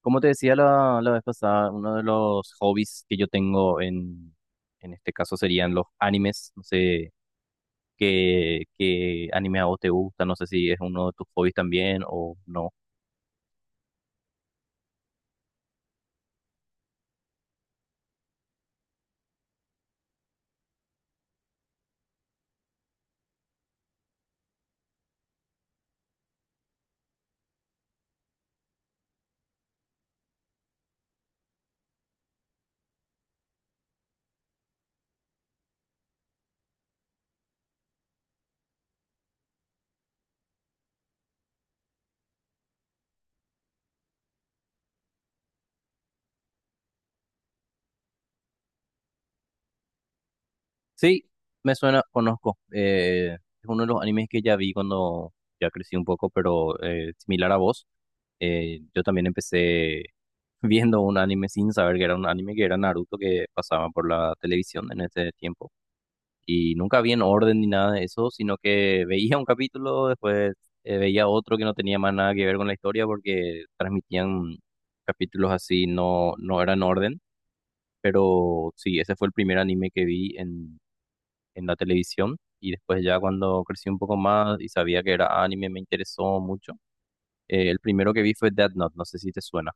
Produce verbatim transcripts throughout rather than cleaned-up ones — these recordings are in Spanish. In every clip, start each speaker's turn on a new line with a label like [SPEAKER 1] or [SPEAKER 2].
[SPEAKER 1] Como te decía la, la vez pasada, uno de los hobbies que yo tengo en, en este caso serían los animes. No sé qué, qué anime a vos te gusta, no sé si es uno de tus hobbies también o no. Sí, me suena, conozco. Eh, es uno de los animes que ya vi cuando ya crecí un poco, pero eh, similar a vos. Eh, yo también empecé viendo un anime sin saber que era un anime, que era Naruto, que pasaba por la televisión en ese tiempo. Y nunca vi en orden ni nada de eso, sino que veía un capítulo, después eh, veía otro que no tenía más nada que ver con la historia porque transmitían capítulos así, no, no eran orden. Pero sí, ese fue el primer anime que vi en, en la televisión. Y después ya cuando crecí un poco más y sabía que era anime, me interesó mucho. Eh, el primero que vi fue Death Note, no sé si te suena.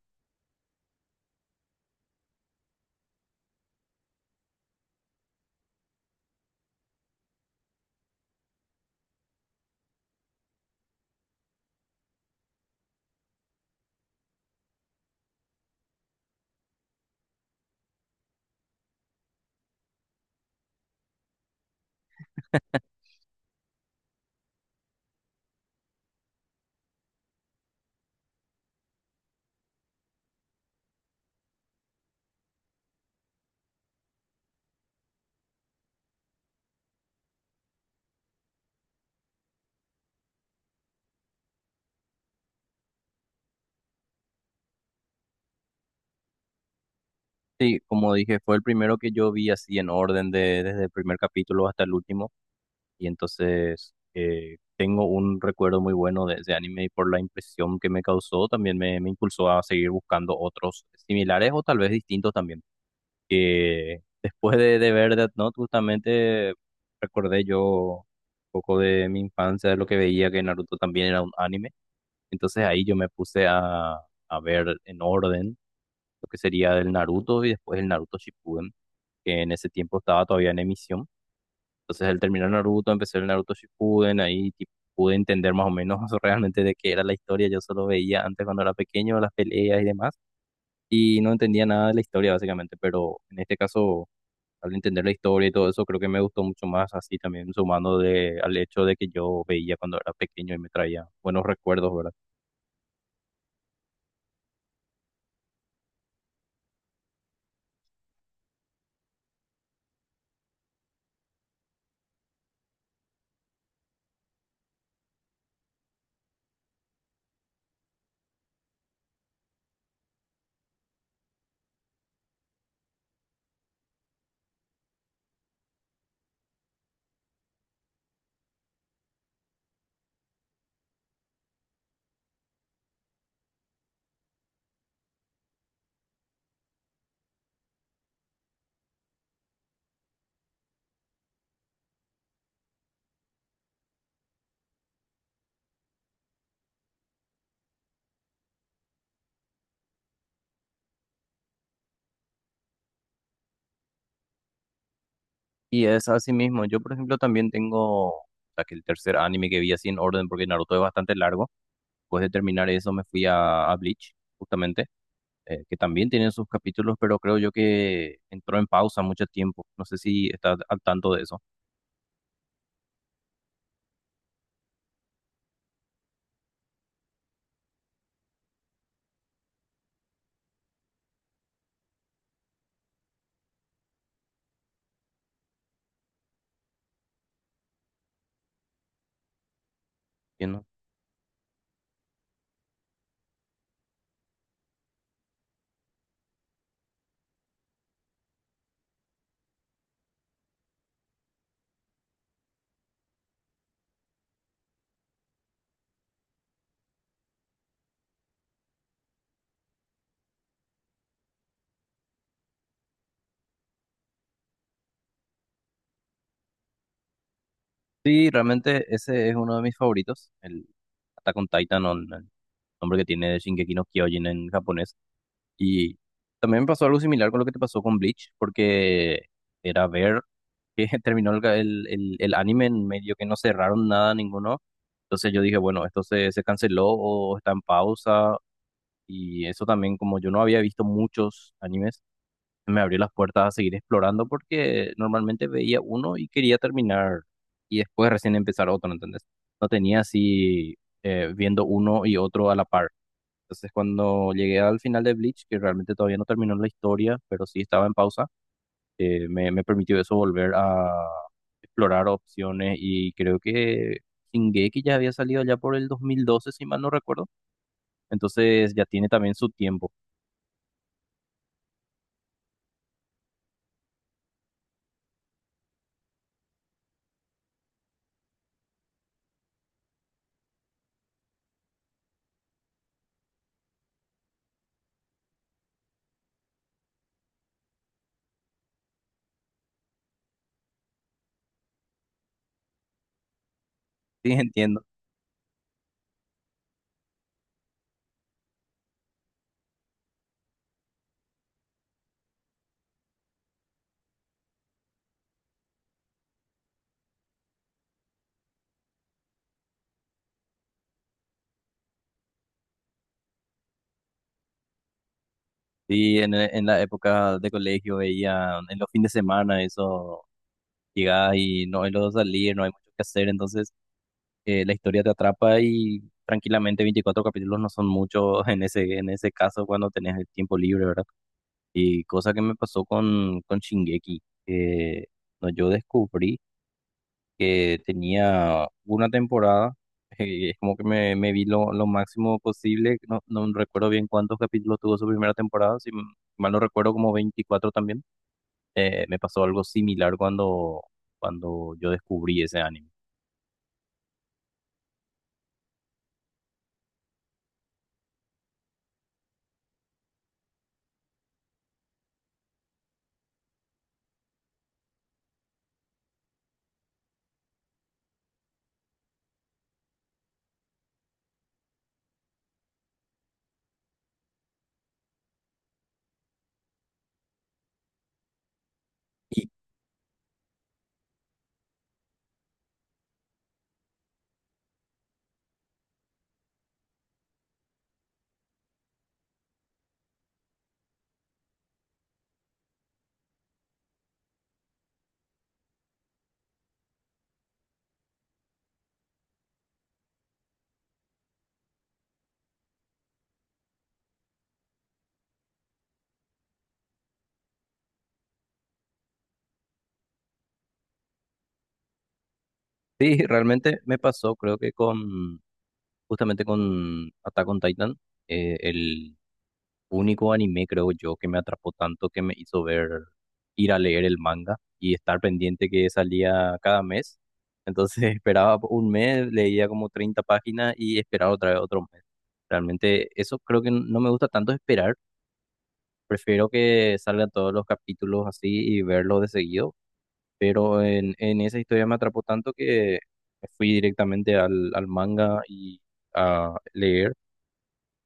[SPEAKER 1] Sí, como dije, fue el primero que yo vi así en orden de, desde el primer capítulo hasta el último. Y entonces eh, tengo un recuerdo muy bueno de ese anime y por la impresión que me causó también me, me impulsó a seguir buscando otros similares o tal vez distintos también. Que después de, de ver Death Note justamente recordé yo un poco de mi infancia, de lo que veía que Naruto también era un anime. Entonces ahí yo me puse a, a ver en orden lo que sería el Naruto y después el Naruto Shippuden, que en ese tiempo estaba todavía en emisión. Entonces al terminar Naruto, empecé el Naruto Shippuden, ahí tipo, pude entender más o menos realmente de qué era la historia. Yo solo veía antes cuando era pequeño las peleas y demás, y no entendía nada de la historia básicamente, pero en este caso, al entender la historia y todo eso, creo que me gustó mucho más así también, sumando de, al hecho de que yo veía cuando era pequeño y me traía buenos recuerdos, ¿verdad? Y es así mismo. Yo, por ejemplo, también tengo... O sea, que el tercer anime que vi así en orden, porque Naruto es bastante largo. Después de terminar eso, me fui a, a Bleach, justamente eh, que también tiene sus capítulos, pero creo yo que entró en pausa mucho tiempo. No sé si estás al tanto de eso. ¿Entiendes? Sí, realmente ese es uno de mis favoritos, el Attack on Titan, o el el nombre que tiene de Shingeki no Kyojin en japonés. Y también me pasó algo similar con lo que te pasó con Bleach, porque era ver que terminó el, el, el- el anime en medio que no cerraron nada ninguno. Entonces yo dije, bueno, esto se, se canceló o está en pausa. Y eso también, como yo no había visto muchos animes, me abrió las puertas a seguir explorando porque normalmente veía uno y quería terminar y después recién empezar otro, ¿entendés? No tenía así eh, viendo uno y otro a la par. Entonces cuando llegué al final de Bleach, que realmente todavía no terminó la historia, pero sí estaba en pausa, eh, me, me permitió eso volver a explorar opciones y creo que Shingeki ya había salido ya por el dos mil doce, si mal no recuerdo, entonces ya tiene también su tiempo. Sí, entiendo. Sí, en, e, en la época de colegio veía en los fines de semana eso, llegás y no hay lo de salir, no hay mucho que hacer, entonces eh, la historia te atrapa y tranquilamente veinticuatro capítulos no son muchos en ese, en ese caso cuando tenés el tiempo libre, ¿verdad? Y cosa que me pasó con, con Shingeki, que no, yo descubrí que tenía una temporada, eh, es como que me, me vi lo, lo máximo posible, no, no recuerdo bien cuántos capítulos tuvo su primera temporada, si m- mal no recuerdo como veinticuatro también. Eh, me pasó algo similar cuando, cuando yo descubrí ese anime. Sí, realmente me pasó, creo que con, justamente con Attack on Titan, eh, el único anime, creo yo, que me atrapó tanto que me hizo ver, ir a leer el manga y estar pendiente que salía cada mes. Entonces esperaba un mes, leía como treinta páginas y esperaba otra vez otro mes. Realmente eso creo que no me gusta tanto esperar. Prefiero que salgan todos los capítulos así y verlos de seguido. Pero en, en esa historia me atrapó tanto que me fui directamente al, al manga y a leer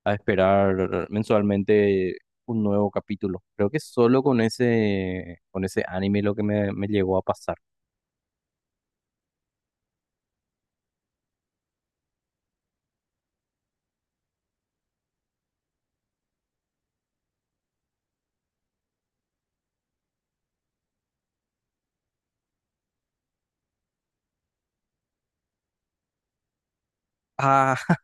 [SPEAKER 1] a esperar mensualmente un nuevo capítulo. Creo que solo con ese, con ese anime lo que me, me llegó a pasar. Ah,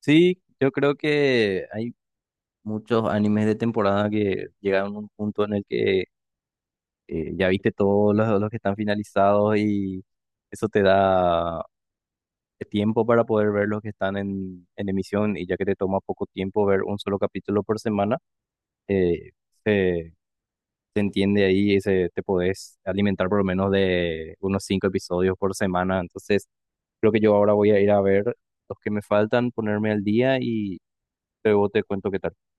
[SPEAKER 1] sí, yo creo que hay muchos animes de temporada que llegaron a un punto en el que eh, ya viste todos los, los que están finalizados y eso te da tiempo para poder ver los que están en, en emisión y ya que te toma poco tiempo ver un solo capítulo por semana, eh, se se entiende ahí, ese, te podés alimentar por lo menos de unos cinco episodios por semana. Entonces, creo que yo ahora voy a ir a ver los que me faltan, ponerme al día y luego te cuento qué tal.